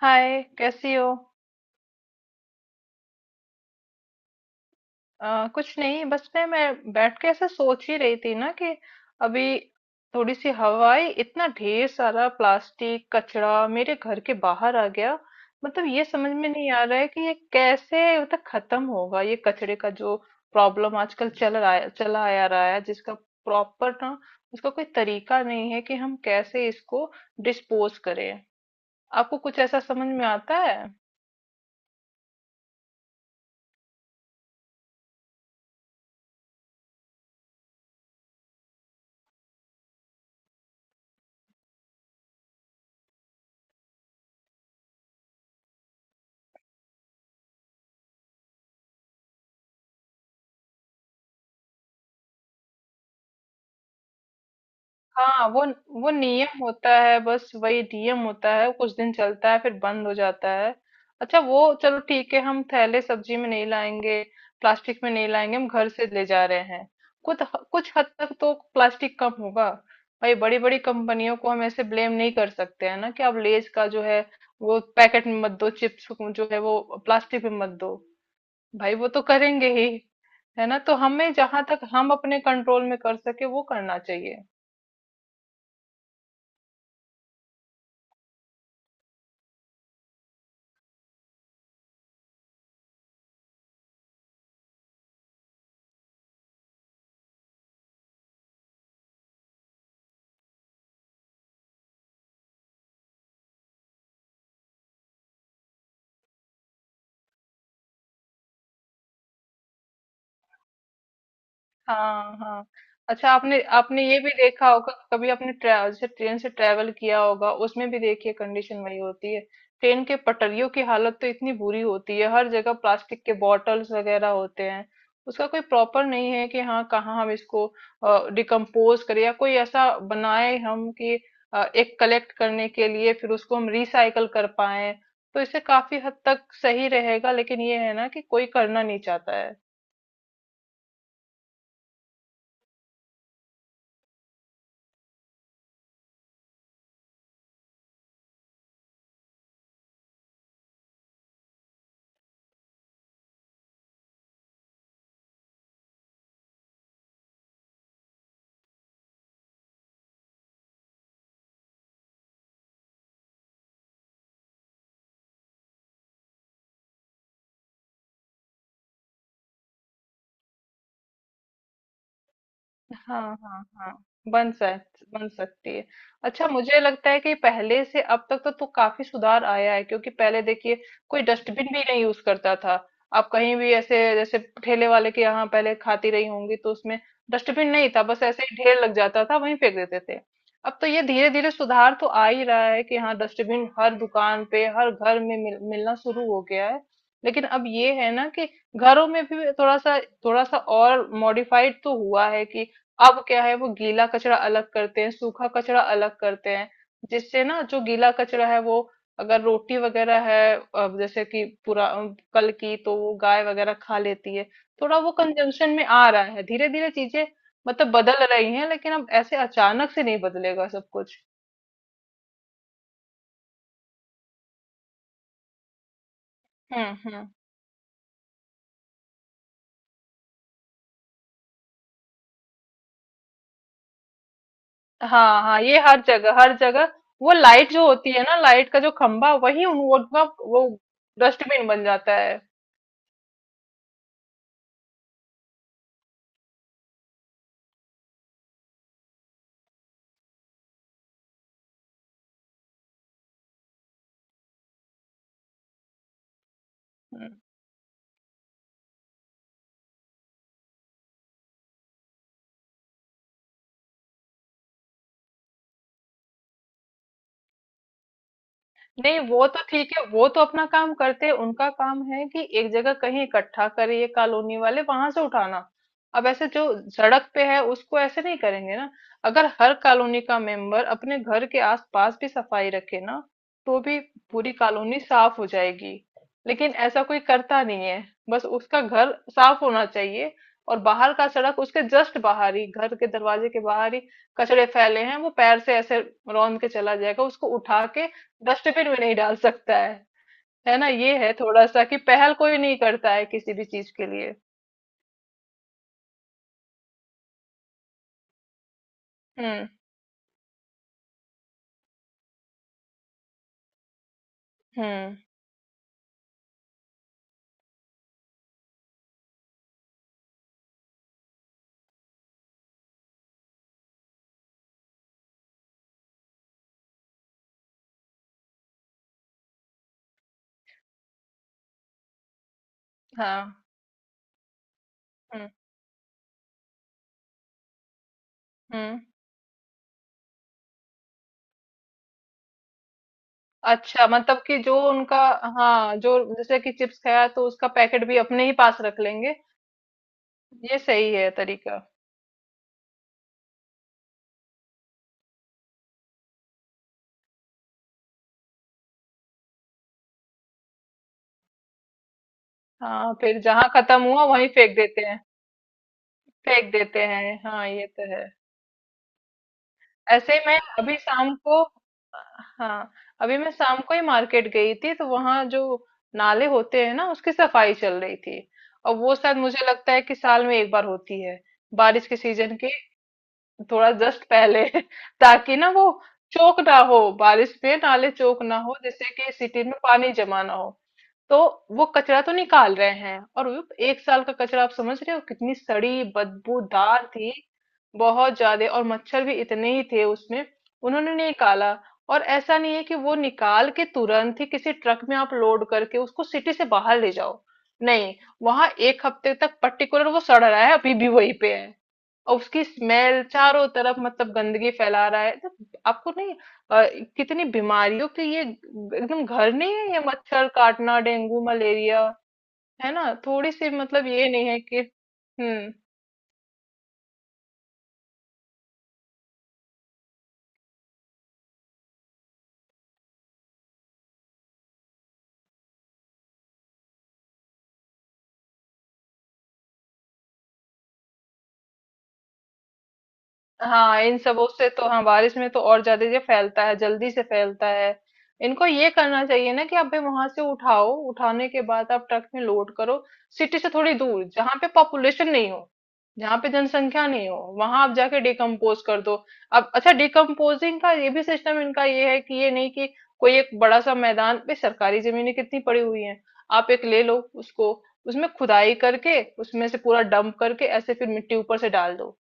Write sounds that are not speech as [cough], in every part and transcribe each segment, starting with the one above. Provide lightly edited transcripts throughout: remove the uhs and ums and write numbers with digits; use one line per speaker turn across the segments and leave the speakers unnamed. हाय, कैसी हो? कुछ नहीं, बस मैं बैठ के ऐसे सोच ही रही थी ना कि अभी थोड़ी सी हवा आई, इतना ढेर सारा प्लास्टिक कचरा मेरे घर के बाहर आ गया। मतलब ये समझ में नहीं आ रहा है कि ये कैसे मतलब खत्म होगा, ये कचरे का जो प्रॉब्लम आजकल चल रहा है, चला आ रहा है, जिसका प्रॉपर ना उसका कोई तरीका नहीं है कि हम कैसे इसको डिस्पोज करें। आपको कुछ ऐसा समझ में आता है? हाँ, वो नियम होता है, बस वही नियम होता है, कुछ दिन चलता है फिर बंद हो जाता है। अच्छा, वो चलो ठीक है, हम थैले सब्जी में नहीं लाएंगे, प्लास्टिक में नहीं लाएंगे, हम घर से ले जा रहे हैं। कुछ कुछ हद तक तो प्लास्टिक कम होगा। भाई, बड़ी बड़ी कंपनियों को हम ऐसे ब्लेम नहीं कर सकते हैं ना कि आप लेज का जो है वो पैकेट में मत दो, चिप्स को जो है वो प्लास्टिक में मत दो। भाई, वो तो करेंगे ही। है ना, तो हमें जहां तक हम अपने कंट्रोल में कर सके वो करना चाहिए। हाँ, हाँ। अच्छा, आपने आपने ये भी देखा होगा, कभी आपने ट्रैवल से, ट्रेन से ट्रैवल किया होगा, उसमें भी देखिए कंडीशन वही होती है। ट्रेन के पटरियों की हालत तो इतनी बुरी होती है, हर जगह प्लास्टिक के बॉटल्स वगैरह होते हैं। उसका कोई प्रॉपर नहीं है कि हाँ कहाँ हम इसको डिकम्पोज करें, या कोई ऐसा बनाए हम कि एक कलेक्ट करने के लिए, फिर उसको हम रिसाइकल कर पाए, तो इससे काफी हद तक सही रहेगा। लेकिन ये है ना कि कोई करना नहीं चाहता है। हाँ, हाँ, हाँ। बन सक बन सकती है। अच्छा, मुझे लगता है कि पहले से अब तक तो काफी सुधार आया है, क्योंकि पहले देखिए कोई डस्टबिन भी नहीं यूज करता था। आप कहीं भी ऐसे, जैसे ठेले वाले के यहाँ पहले खाती रही होंगी, तो उसमें डस्टबिन नहीं था, बस ऐसे ही ढेर लग जाता था, वहीं फेंक देते थे। अब तो ये धीरे धीरे सुधार तो आ ही रहा है कि हाँ डस्टबिन हर दुकान पे हर घर में मिलना शुरू हो गया है। लेकिन अब ये है ना कि घरों में भी थोड़ा सा और मॉडिफाइड तो हुआ है कि अब क्या है, वो गीला कचरा अलग करते हैं, सूखा कचरा अलग करते हैं। जिससे ना जो गीला कचरा है वो, अगर रोटी वगैरह है, अब जैसे कि पूरा कल की, तो वो गाय वगैरह खा लेती है। थोड़ा वो कंजम्पशन में आ रहा है, धीरे धीरे चीजें मतलब बदल रही हैं, लेकिन अब ऐसे अचानक से नहीं बदलेगा सब कुछ। हम्म, हम्म। हाँ, हाँ, ये हर जगह, हर जगह वो लाइट जो होती है ना, लाइट का जो खंभा, वही उन वो डस्टबिन बन जाता है। नहीं, वो तो ठीक है, वो तो अपना काम करते हैं, उनका काम है कि एक जगह कहीं इकट्ठा करिए कॉलोनी वाले, वहां से उठाना। अब ऐसे जो सड़क पे है उसको ऐसे नहीं करेंगे ना। अगर हर कॉलोनी का मेंबर अपने घर के आसपास भी सफाई रखे ना, तो भी पूरी कॉलोनी साफ हो जाएगी। लेकिन ऐसा कोई करता नहीं है, बस उसका घर साफ होना चाहिए। और बाहर का सड़क, उसके जस्ट बाहर ही, घर के दरवाजे के बाहर ही कचड़े फैले हैं, वो पैर से ऐसे रौंद के चला जाएगा, उसको उठा के डस्टबिन में नहीं डाल सकता है। है ना, ये है थोड़ा सा कि पहल कोई नहीं करता है किसी भी चीज के लिए। हम्म, हम्म। हाँ। हम्म, हम्म। अच्छा, मतलब कि जो उनका, हाँ, जो जैसे कि चिप्स खाया तो उसका पैकेट भी अपने ही पास रख लेंगे। ये सही है तरीका। हाँ, फिर जहाँ खत्म हुआ वहीं फेंक देते हैं। फेंक देते हैं, हाँ, ये तो है। ऐसे ही मैं अभी शाम को, हाँ, अभी मैं शाम को ही मार्केट गई थी, तो वहां जो नाले होते हैं ना उसकी सफाई चल रही थी। और वो शायद मुझे लगता है कि साल में एक बार होती है, बारिश के सीजन के थोड़ा जस्ट पहले, [laughs] ताकि ना वो चोक ना हो, बारिश में नाले चोक ना हो, जिससे कि सिटी में पानी जमा ना हो। तो वो कचरा तो निकाल रहे हैं, और वो एक साल का कचरा, आप समझ रहे हो, कितनी सड़ी बदबूदार थी। बहुत ज्यादा, और मच्छर भी इतने ही थे उसमें, उन्होंने नहीं निकाला। और ऐसा नहीं है कि वो निकाल के तुरंत ही किसी ट्रक में आप लोड करके उसको सिटी से बाहर ले जाओ, नहीं। वहां एक हफ्ते तक पर्टिकुलर वो सड़ रहा है, अभी भी वहीं पे है। और उसकी स्मेल चारों तरफ, मतलब गंदगी फैला रहा है, तो आपको नहीं, अ, कितनी बीमारियों के ये एकदम घर नहीं है? ये मच्छर काटना, डेंगू, मलेरिया। है ना, थोड़ी सी मतलब ये नहीं है कि, हम्म। हाँ, इन सबों से तो, हाँ, बारिश में तो और ज्यादा ये फैलता है, जल्दी से फैलता है। इनको ये करना चाहिए ना कि आप भाई वहां से उठाओ, उठाने के बाद आप ट्रक में लोड करो, सिटी से थोड़ी दूर जहाँ पे पॉपुलेशन नहीं हो, जहाँ पे जनसंख्या नहीं हो, वहां आप जाके डिकम्पोज कर दो। अब अच्छा, डिकम्पोजिंग का ये भी सिस्टम इनका ये है कि ये नहीं कि कोई एक बड़ा सा मैदान पे, सरकारी जमीनें कितनी पड़ी हुई हैं, आप एक ले लो, उसको उसमें खुदाई करके उसमें से पूरा डंप करके, ऐसे फिर मिट्टी ऊपर से डाल दो।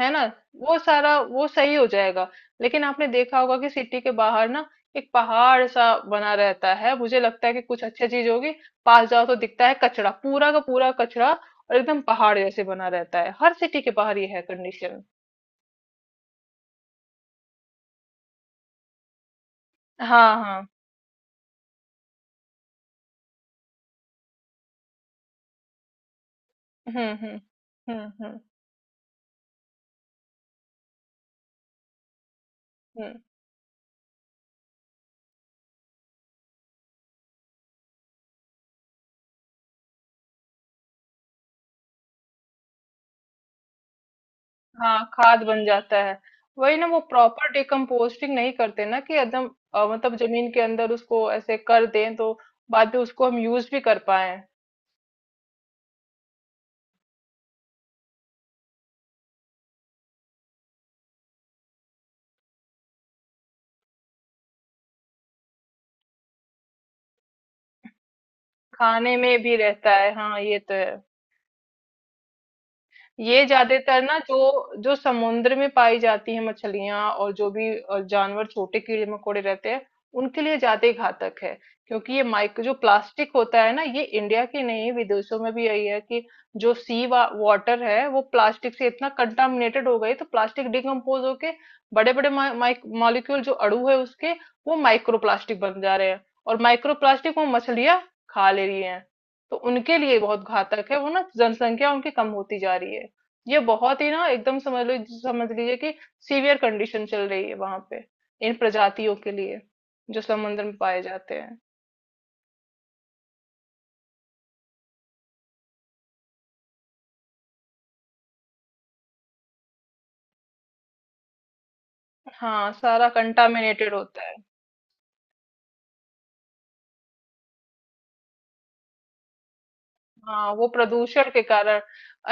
है ना, वो सारा वो सही हो जाएगा। लेकिन आपने देखा होगा कि सिटी के बाहर ना एक पहाड़ सा बना रहता है, मुझे लगता है कि कुछ अच्छा चीज होगी, पास जाओ तो दिखता है कचरा, पूरा का पूरा कचरा, और एकदम पहाड़ जैसे बना रहता है हर सिटी के बाहर, ये है कंडीशन। हाँ, हाँ। हम्म, हम्म। हम्म, हम्म। हम्म, हाँ, खाद बन जाता है। वही ना, वो प्रॉपर डिकम्पोस्टिंग नहीं करते ना, कि एकदम मतलब जमीन के अंदर उसको ऐसे कर दें, तो बाद में उसको हम यूज भी कर पाए। खाने में भी रहता है, हाँ, ये तो है। ये ज्यादातर ना जो जो समुद्र में पाई जाती है मछलियां, और जो भी जानवर, छोटे कीड़े मकोड़े रहते हैं, उनके लिए ज्यादा ही घातक है। क्योंकि ये माइक्रो जो प्लास्टिक होता है ना, ये इंडिया के नहीं, विदेशों में भी यही है कि जो सी वाटर है वो प्लास्टिक से इतना कंटामिनेटेड हो गई, तो प्लास्टिक डिकम्पोज होके बड़े बड़े मॉलिक्यूल, जो अणु है उसके, वो माइक्रो प्लास्टिक बन जा रहे हैं। और माइक्रो प्लास्टिक वो मछलियां खा ले रही हैं, तो उनके लिए बहुत घातक है, वो ना जनसंख्या उनकी कम होती जा रही है। ये बहुत ही ना, एकदम समझ लो, समझ लीजिए कि सीवियर कंडीशन चल रही है वहां पे, इन प्रजातियों के लिए जो समुद्र में पाए जाते हैं। हाँ, सारा कंटामिनेटेड होता है। हाँ, वो प्रदूषण के कारण।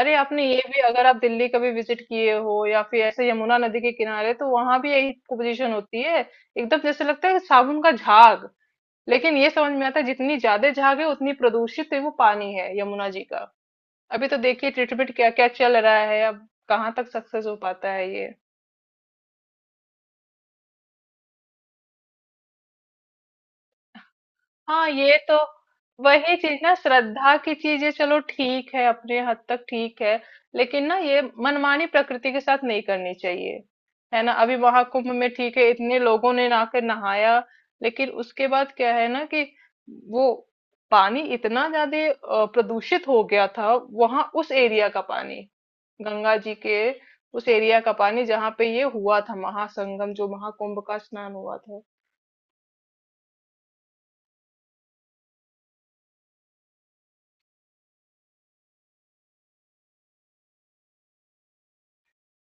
अरे, आपने ये भी, अगर आप दिल्ली कभी विजिट किए हो, या फिर ऐसे यमुना नदी के किनारे, तो वहां भी यही पोजीशन होती है। एकदम जैसे लगता है साबुन का झाग, लेकिन ये समझ में आता है, जितनी ज्यादा झाग है उतनी प्रदूषित है वो पानी है, यमुना जी का। अभी तो देखिए ट्रीटमेंट क्या क्या चल रहा है, अब कहाँ तक सक्सेस हो पाता है ये। हाँ, ये तो वही चीज ना, श्रद्धा की चीजें चलो ठीक है, अपने हद तक ठीक है, लेकिन ना ये मनमानी प्रकृति के साथ नहीं करनी चाहिए। है ना, अभी महाकुंभ में ठीक है, इतने लोगों ने आकर नहाया, लेकिन उसके बाद क्या है ना कि वो पानी इतना ज्यादा प्रदूषित हो गया था, वहां उस एरिया का पानी, गंगा जी के उस एरिया का पानी, जहाँ पे ये हुआ था महासंगम, जो महाकुंभ का स्नान हुआ था।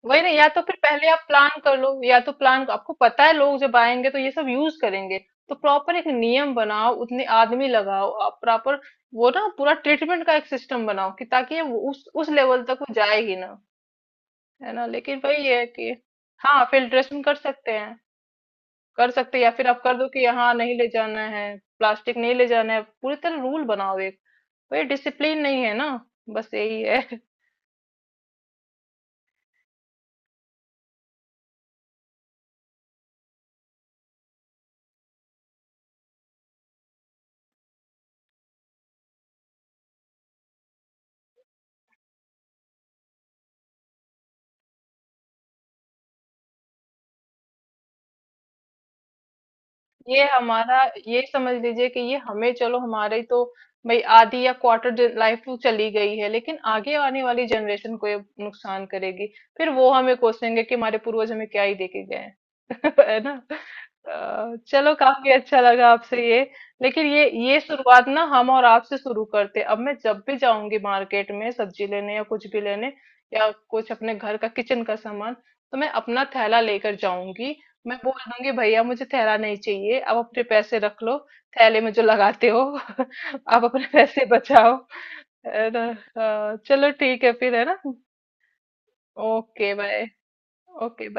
वही ना, या तो फिर पहले आप प्लान कर लो, या तो प्लान आपको पता है, लोग जब आएंगे तो ये सब यूज करेंगे, तो प्रॉपर एक नियम बनाओ, उतने आदमी लगाओ, आप प्रॉपर वो ना पूरा ट्रीटमेंट का एक सिस्टम बनाओ, कि ताकि ये वो उस लेवल तक वो जाए ही ना। है ना, लेकिन वही है कि हाँ, फिल्ट्रेशन कर सकते हैं, कर सकते हैं, या फिर आप कर दो कि यहाँ नहीं ले जाना है, प्लास्टिक नहीं ले जाना है, पूरी तरह रूल बनाओ एक। वही, डिसिप्लिन नहीं है ना, बस यही है। ये हमारा ये समझ लीजिए कि ये हमें, चलो हमारी तो भाई आधी या क्वार्टर लाइफ तो चली गई है, लेकिन आगे आने वाली जनरेशन को ये नुकसान करेगी। फिर वो हमें कोसेंगे कि हमारे पूर्वज हमें क्या ही देके गए हैं। [laughs] है ना। चलो, काफी अच्छा लगा आपसे ये। लेकिन ये शुरुआत ना हम और आपसे शुरू करते, अब मैं जब भी जाऊंगी मार्केट में सब्जी लेने या कुछ भी लेने, या कुछ अपने घर का किचन का सामान, तो मैं अपना थैला लेकर जाऊंगी। मैं बोल दूंगी भैया मुझे थैला नहीं चाहिए, आप अपने पैसे रख लो, थैले में जो लगाते हो, [laughs] आप अपने पैसे बचाओ। है ना? हाँ, चलो ठीक है फिर, है ना। Okay, bye. ओके।